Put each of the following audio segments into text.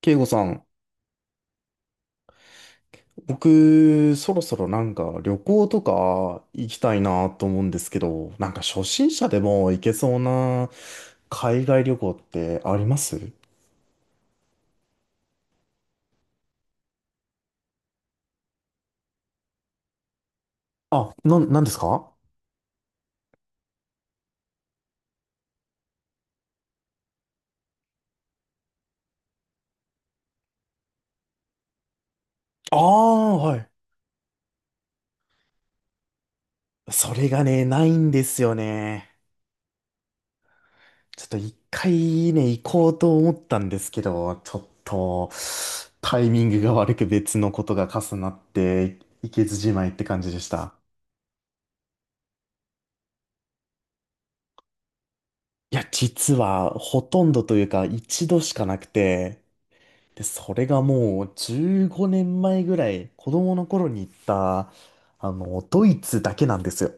慶吾さん、僕、そろそろなんか旅行とか行きたいなと思うんですけど、なんか初心者でも行けそうな海外旅行ってあります？あ、な、なんですか？ああー、はい。それがね、ないんですよね。ちょっと一回ね、行こうと思ったんですけど、ちょっとタイミングが悪く別のことが重なって、行けずじまいって感じでした。いや、実はほとんどというか一度しかなくて、で、それがもう15年前ぐらい子供の頃に行った、ドイツだけなんですよ。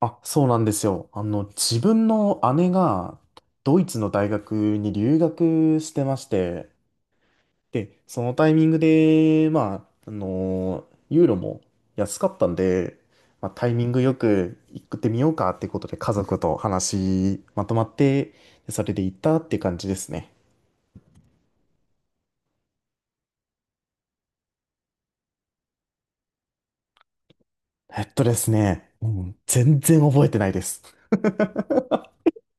あ、そうなんですよ。あの、自分の姉がドイツの大学に留学してまして、で、そのタイミングで、ユーロも安かったんで、まあ、タイミングよく行ってみようかってことで家族と話まとまって、でそれで行ったって感じですね。うん、全然覚えてないです。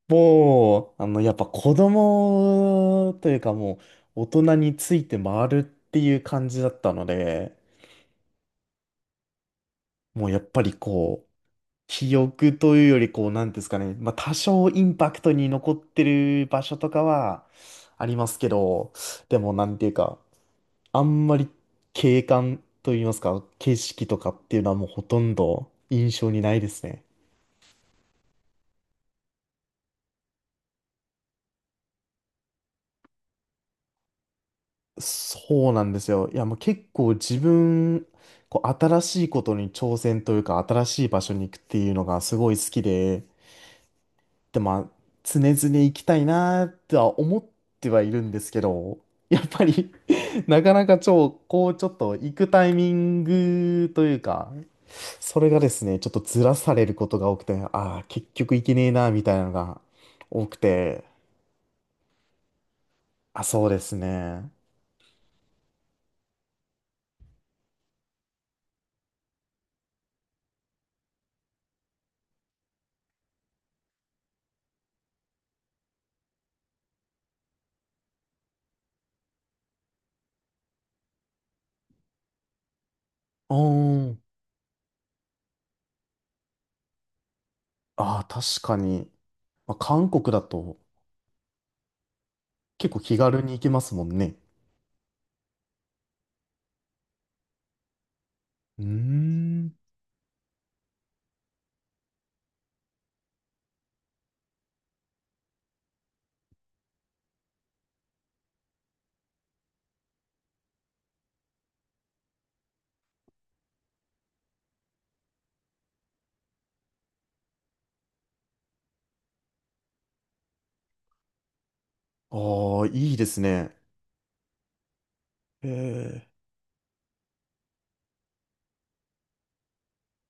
もう、あの、やっぱ子供というかもう大人について回るっていう感じだったので、もうやっぱりこう、記憶というより、こう、なんていうんですかね、まあ、多少インパクトに残ってる場所とかはありますけど、でも、なんていうか、あんまり景観といいますか、景色とかっていうのはもうほとんど印象にないですね。そうなんですよ。いや、もう結構自分、こう、新しいことに挑戦というか、新しい場所に行くっていうのがすごい好きで、で、まあ、常々行きたいなとは思ってはいるんですけど、やっぱり なかなか超、こう、ちょっと行くタイミングというか、それがですね、ちょっとずらされることが多くて、ああ、結局行けねえな、みたいなのが多くて、あ、そうですね。うーん。ああ、確かに。まあ、韓国だと結構気軽に行けますもんね。うーん。ああ、いいですね。え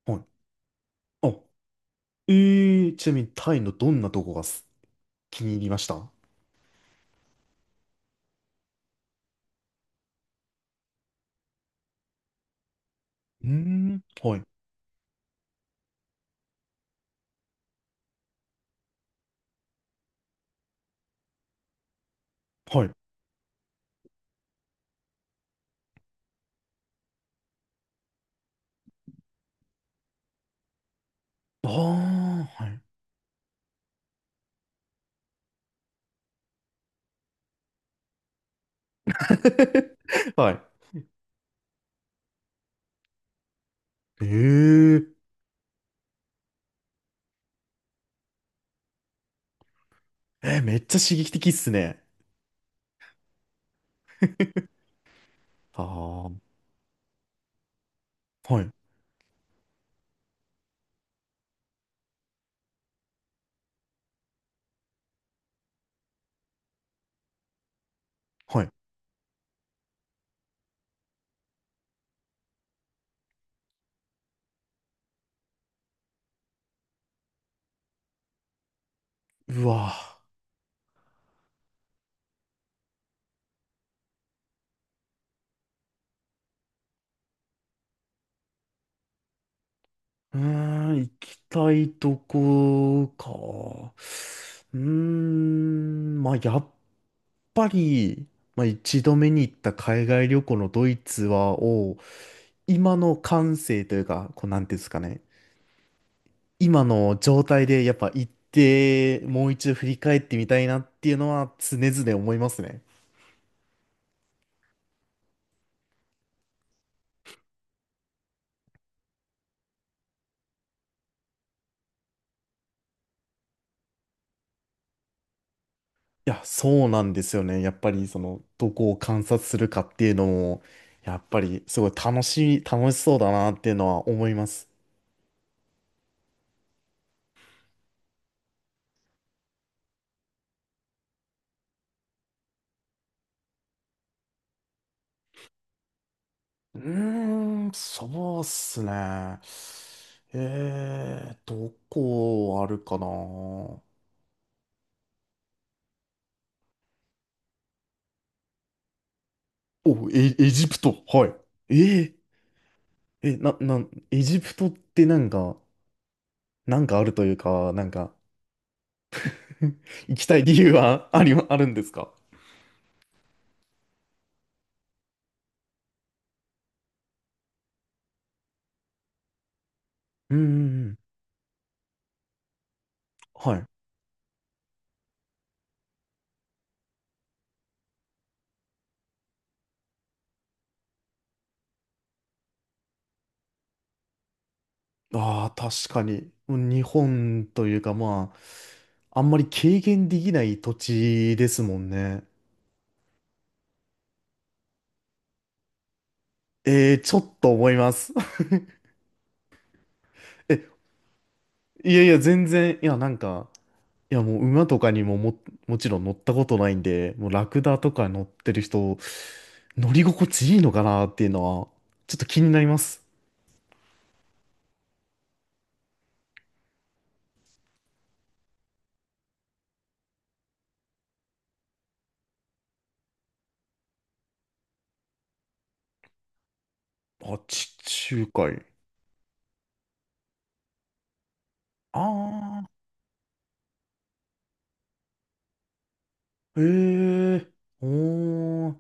え。はい。ええーちなみにタイのどんなとこがす気に入りました？はうーん。はい。はい。ああ、はい。はい。えええー、めっちゃ刺激的っすね。ああ、はい。はい。うわ。うーん、行きたいとこか。うーん、まあ、やっぱり、まあ、一度目に行った海外旅行のドイツは、を、今の感性というか、こう、なんていうんですかね。今の状態でやっぱ行って、もう一度振り返ってみたいなっていうのは常々思いますね。いや、そうなんですよね。やっぱりその、どこを観察するかっていうのも、やっぱりすごい楽しい、楽しそうだなっていうのは思います。うーん、そうっすね。えー、どこあるかな。お、エ、エジプト。はい。えー、え、な、な、エジプトってなんか、なんかあるというか、なんか、行きたい理由はあり、あるんですか？うんうんうん。はい。ああ、確かに。日本というか、まあ、あんまり軽減できない土地ですもんね。えー、ちょっと思います。え、いやいや、全然、いや、なんか、いや、もう馬とかにもも、もちろん乗ったことないんで、もうラクダとか乗ってる人、乗り心地いいのかなっていうのは、ちょっと気になります。あ、地中海。ああ。へえ、おー、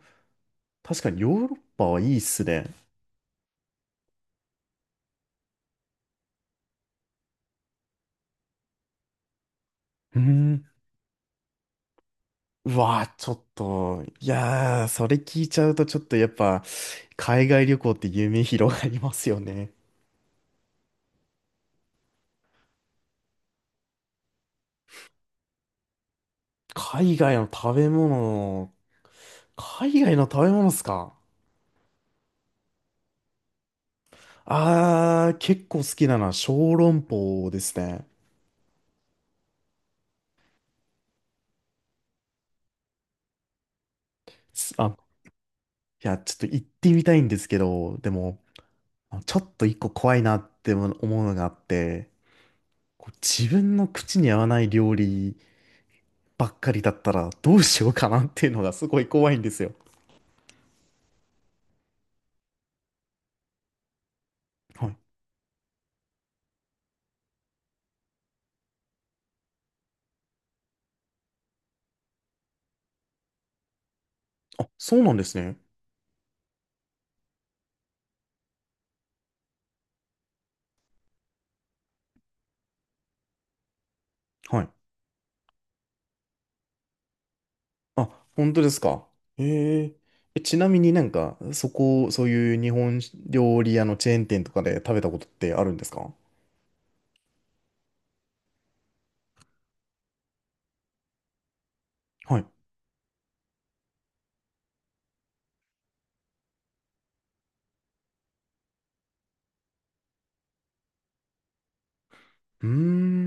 確かにヨーロッパはいいっすね。うん。うわー、ちょっと、いやー、それ聞いちゃうとちょっとやっぱ、海外旅行って夢広がりますよね。海外の食べ物、海外の食べ物っすか？あー、結構好きなのは小籠包ですね。すあ、いや、ちょっと行ってみたいんですけど、でも、ちょっと一個怖いなって思うのがあって、こう自分の口に合わない料理ばっかりだったらどうしようかなっていうのがすごい怖いんですよ。はい。あ、そうなんですね。はい。あ、本当ですか。へええ、ちなみになんか、そこ、そういう日本料理屋のチェーン店とかで食べたことってあるんですか？はい。うー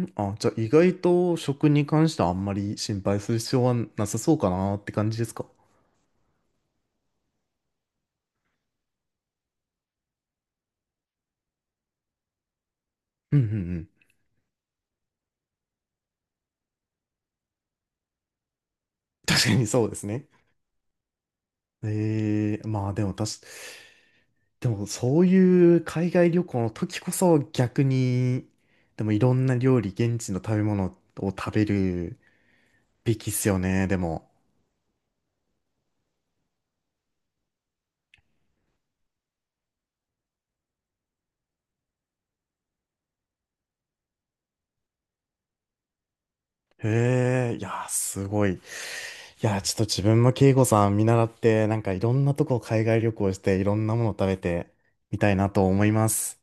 ん。あ、じゃあ意外と食に関してはあんまり心配する必要はなさそうかなって感じですか？うんうんうん。確かにそうですね。ええ、まあでも確か、でもそういう海外旅行の時こそ逆に、でもいろんな料理、現地の食べ物を食べるべきっすよね、でも。へえ、いや、すごい。いや、ちょっと自分も慶吾さん見習って、なんかいろんなとこ海外旅行して、いろんなもの食べてみたいなと思います。